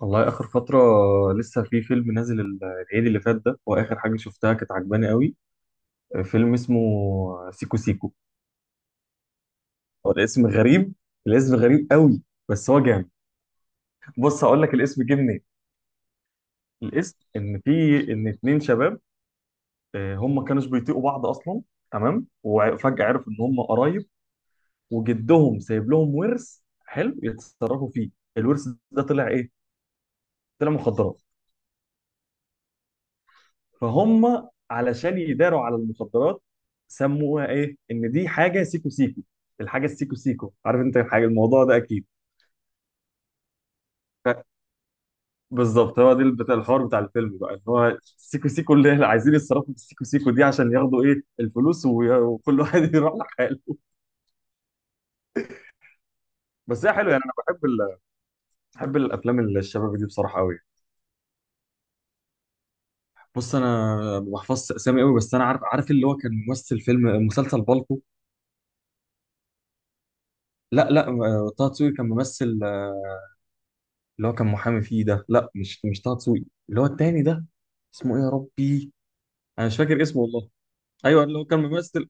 والله اخر فتره. لسه في فيلم نازل العيد اللي فات ده، واخر حاجه شفتها كانت عجباني قوي. فيلم اسمه سيكو سيكو. هو الاسم غريب، الاسم غريب قوي، بس هو جامد. بص هقول لك الاسم جه منين. الاسم ان في ان اتنين شباب، هم كانوش بيطيقوا بعض اصلا، تمام، وفجاه عرفوا ان هم قرايب وجدهم سايب لهم ورث حلو يتصرفوا فيه. الورث ده طلع ايه؟ طلع مخدرات. فهم علشان يداروا على المخدرات سموها ايه؟ ان دي حاجه سيكو سيكو. الحاجه السيكو سيكو، عارف انت الحاجه، الموضوع ده اكيد. ف- بالظبط هو ده بتاع الحوار بتاع الفيلم بقى، ان هو السيكو سيكو اللي احنا عايزين يتصرفوا في السيكو سيكو دي عشان ياخدوا ايه الفلوس، وكل واحد يروح لحاله. بس هي حلوه يعني، انا بحب الافلام اللي الشباب دي بصراحه قوي. بص انا ما بحفظش اسامي قوي، بس انا عارف، اللي هو كان ممثل فيلم مسلسل بالطو. لا، طه دسوقي كان ممثل اللي هو كان محامي فيه ده، لا مش طه دسوقي، اللي هو التاني ده. اسمه ايه يا ربي؟ انا مش فاكر اسمه والله. ايوه اللي هو كان ممثل.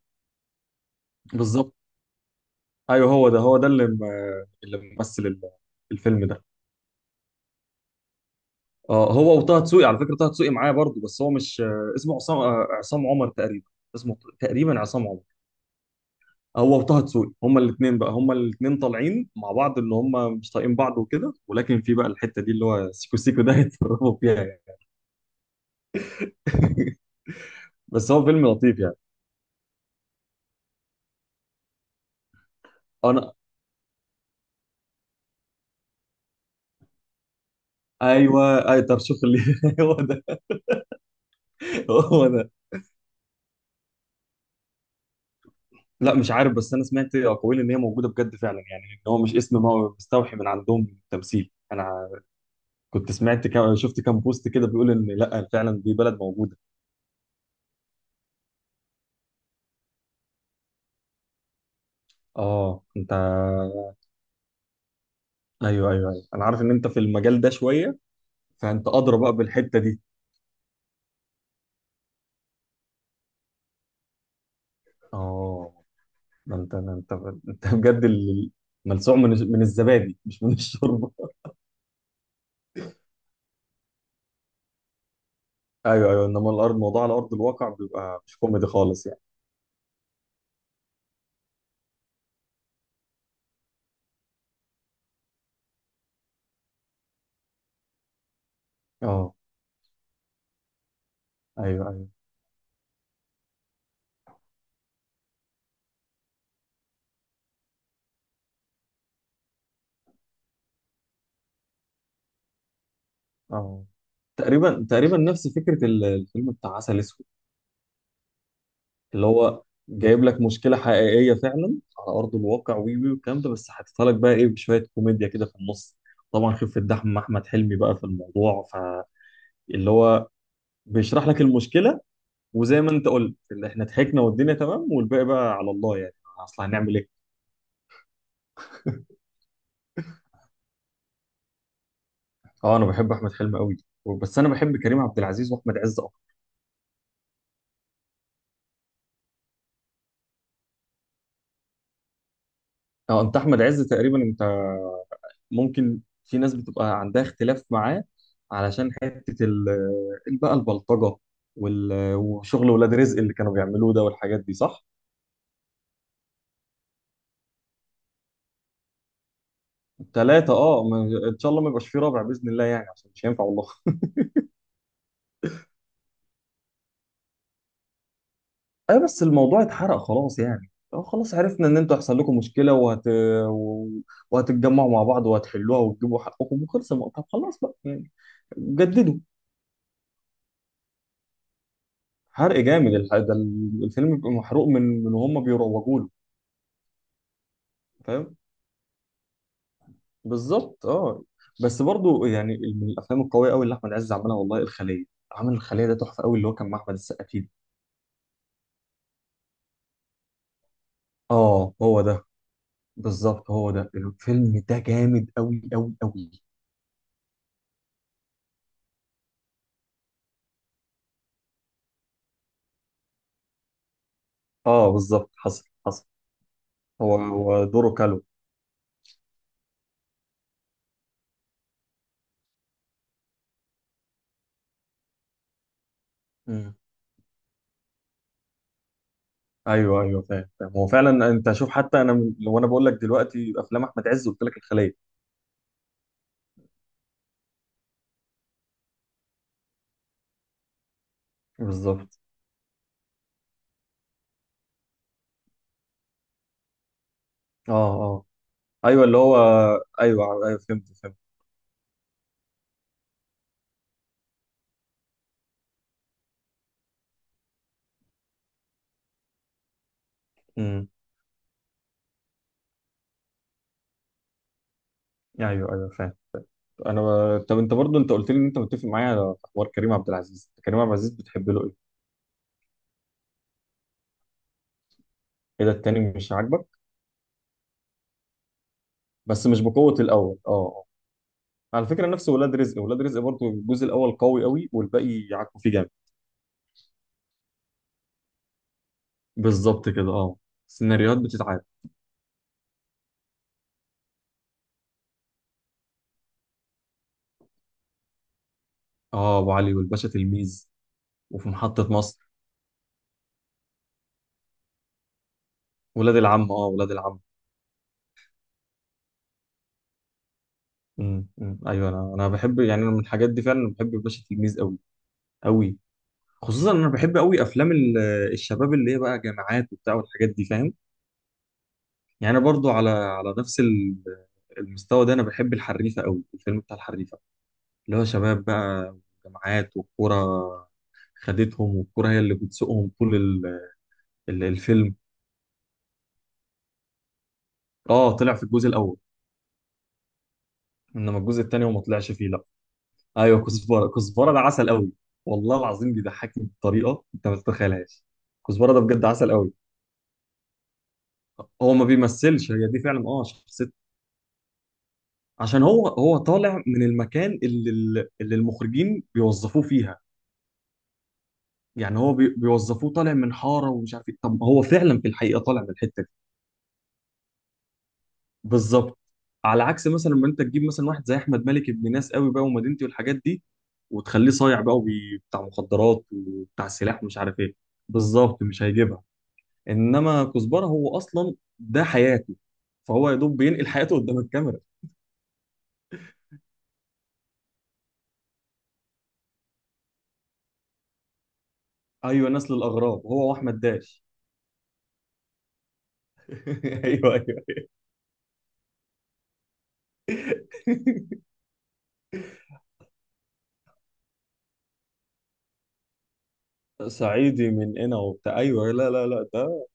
بالظبط. ايوه هو ده اللي ممثل الفيلم ده. اه هو وطه دسوقي، على فكره طه دسوقي معايا برضه، بس هو مش، اسمه عصام، عصام عمر تقريبا. اسمه تقريبا عصام عمر. هو وطه دسوقي هما الاثنين بقى، هما الاثنين طالعين مع بعض ان هما مش طايقين بعض وكده، ولكن في بقى الحته دي اللي هو سيكو سيكو ده هيتفرقوا فيها يعني. بس هو فيلم لطيف يعني. انا ايوه، اي طرشوخ اللي هو ده. هو ده، لا مش عارف، بس انا سمعت اقاويل ان هي موجوده بجد فعلا، يعني ان هو مش اسم ما هو مستوحي من عندهم تمثيل. انا كنت سمعت، كم شفت كام بوست كده بيقول ان لا فعلا دي بلد موجوده. اه انت، ايوه ايوه ايوه، انا عارف ان انت في المجال ده شويه، فانت ادرى بقى بالحته دي. اه. ده انت انت بجد ملسوع من الزبادي مش من الشوربه. ايوه ايوه، انما الارض موضوع على ارض الواقع بيبقى مش كوميدي خالص يعني. اه، ايوه ايوه. اه، تقريبا تقريبا نفس فكره الفيلم بتاع عسل اسود، اللي هو جايب لك مشكله حقيقيه فعلا على ارض الواقع، وي وي والكلام ده، بس حاططها لك بقى ايه، بشويه كوميديا كده في النص. طبعا خفه دحم احمد حلمي بقى في الموضوع، فاللي هو بيشرح لك المشكله، وزي ما انت قلت، اللي احنا ضحكنا والدنيا تمام والباقي بقى على الله يعني. اصل هنعمل ايه؟ اه انا بحب احمد حلمي قوي، بس انا بحب كريم عبد العزيز واحمد عز اكتر. اه انت احمد عز تقريبا انت، ممكن في ناس بتبقى عندها اختلاف معاه علشان حتة بقى البلطجة، وشغل ولاد رزق اللي كانوا بيعملوه ده والحاجات دي، صح؟ ثلاثة، اه ان شاء الله ما يبقاش في رابع بإذن الله يعني، عشان مش هينفع والله. اه بس الموضوع اتحرق خلاص يعني. اه خلاص عرفنا ان انتوا هيحصل لكم مشكلة، و- وهتتجمعوا مع بعض وهتحلوها وتجيبوا حقكم وخلص الموضوع. طب خلاص بقى يعني، جددوا. حرق جامد الفيلم بيبقى محروق من وهم بيروجوا له. فاهم بالظبط اه. بس برضو يعني من الافلام القويه قوي اللي احمد عز عملها والله الخليه. عامل الخليه ده تحفه قوي، اللي هو كان مع احمد السقا فيه. اه هو ده، بالظبط، هو ده الفيلم ده جامد قوي قوي قوي. اه بالظبط، حصل. هو دوره كالو. مم. ايوه ايوه، فاهم هو فعلا. انت شوف حتى انا لو انا بقول لك دلوقتي افلام احمد عز قلت لك الخليه. بالظبط. اه اه. ايوه اللي هو، ايوه ايوه، فهمت. امم. ايوه ايوه فاهم. انا طب انت برضو، انت قلت لي ان انت متفق معايا على حوار كريم عبد العزيز. كريم عبد العزيز بتحب له ايه؟ ايه ده، التاني مش عاجبك؟ بس مش بقوة الاول اه، آه. على فكرة، نفس ولاد رزق، برضو الجزء الاول قوي قوي والباقي يعكوا فيه جامد. بالظبط كده اه. السيناريوهات بتتعاد. اه ابو علي والباشا تلميذ. وفي محطة مصر، ولاد العم، اه ولاد العم. امم، أمم. ايوه انا، بحب يعني، انا من الحاجات دي فعلا بحب الباشا تلميذ قوي قوي. خصوصا انا بحب قوي افلام الشباب اللي هي بقى جامعات وبتاع والحاجات دي، فاهم؟ يعني انا برضو على على نفس المستوى ده انا بحب الحريفه قوي، الفيلم بتاع الحريفه، اللي هو شباب بقى وجامعات والكوره، خدتهم والكوره هي اللي بتسوقهم طول الفيلم. اه طلع في الجزء الاول، انما الجزء الثاني وما طلعش فيه لا. ايوه كزبره، ده عسل قوي. والله العظيم بيضحكني بطريقه انت ما تتخيلهاش. كزبره ده بجد عسل قوي. هو ما بيمثلش، هي دي فعلا اه شخصيته. عشان هو طالع من المكان اللي المخرجين بيوظفوه فيها. يعني هو بيوظفوه طالع من حاره ومش عارف ايه، طب هو فعلا في الحقيقه طالع من الحته دي. بالظبط. على عكس مثلا لما انت تجيب مثلا واحد زي احمد مالك، ابن ناس قوي بقى ومدينتي والحاجات دي، وتخليه صايع بقى بتاع مخدرات وبتاع سلاح ومش عارف ايه. بالظبط مش هيجيبها، انما كزبره هو اصلا ده حياته، فهو يا دوب بينقل حياته قدام الكاميرا. ايوه نسل الاغراب، هو واحمد داش. ايوه ايوه. صعيدي من هنا وبتاع، ايوه لا لا لا ده،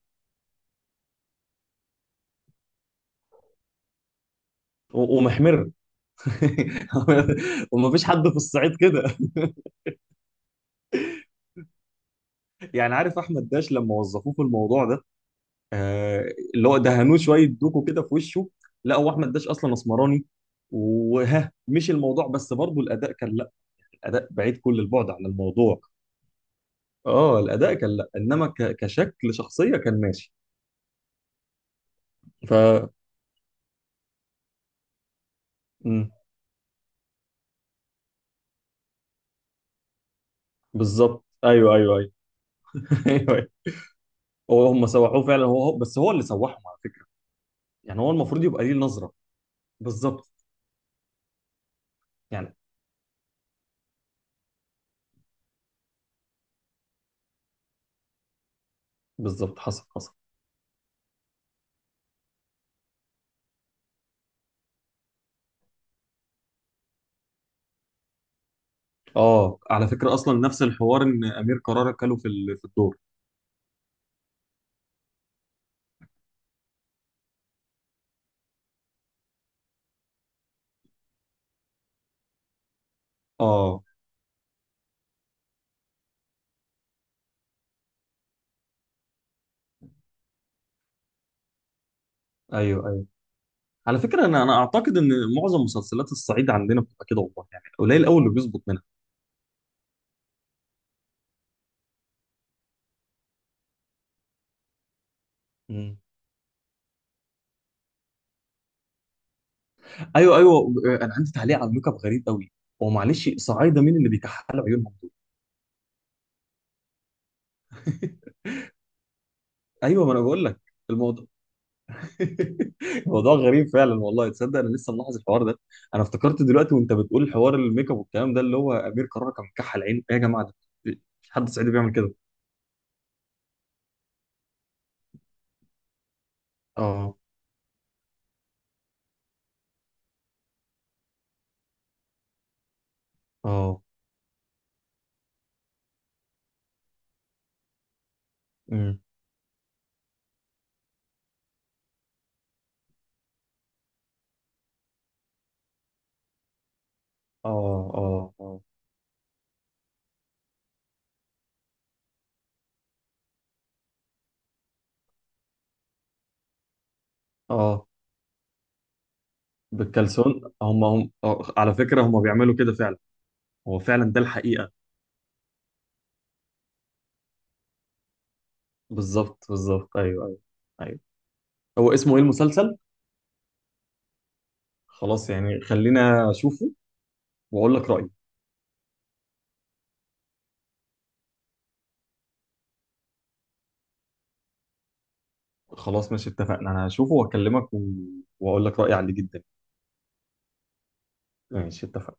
ومحمر. ومفيش حد في الصعيد كده. يعني عارف احمد داش لما وظفوه في الموضوع ده، آه، اللي هو دهنوه شويه دوكو كده في وشه. لا هو احمد داش اصلا اسمراني، وها مش الموضوع، بس برضه الاداء كان لا، الاداء بعيد كل البعد عن الموضوع. اه الاداء كان لا، انما كشكل شخصيه كان ماشي. ف مم، بالظبط ايوه ايوه ايوه. ايوه. هو هم سوحوه فعلا، بس هو اللي سوحهم على فكره. يعني هو المفروض يبقى ليه نظره. بالظبط. يعني بالظبط، حصل. اه على فكرة أصلا نفس الحوار، إن أمير كرارة كاله في في الدور. اه، أيوه أيوه. على فكرة أنا أعتقد إن معظم مسلسلات الصعيد عندنا بتبقى كده والله، يعني قليل أوي اللي بيظبط منها. مم. أيوه أيوه. أنا عندي تعليق على الميك اب غريب أوي. هو معلش، صعايدة مين اللي بيكحلوا عيونهم دول؟ أيوه، ما أنا بقول لك الموضوع الموضوع غريب فعلا والله. تصدق أنا لسه ملاحظ الحوار ده. أنا افتكرت دلوقتي وأنت بتقول حوار الميك اب والكلام ده، اللي هو أمير كرارة كان مكحل عينه، إيه يا جماعة ده؟ مفيش حد صعيدي بيعمل كده. اه اه. امم. اه اه اه اه. بالكالسون، هم آه، على فكرة هم بيعملوا كده فعلا. هو فعلا ده الحقيقة. بالظبط بالظبط، ايوه ايوه ايوه. هو اسمه ايه المسلسل؟ خلاص يعني خلينا اشوفه واقول لك رأيي. خلاص ماشي اتفقنا، انا هشوفه واكلمك، و... واقول لك رأيي عليه جدا. ماشي اتفقنا.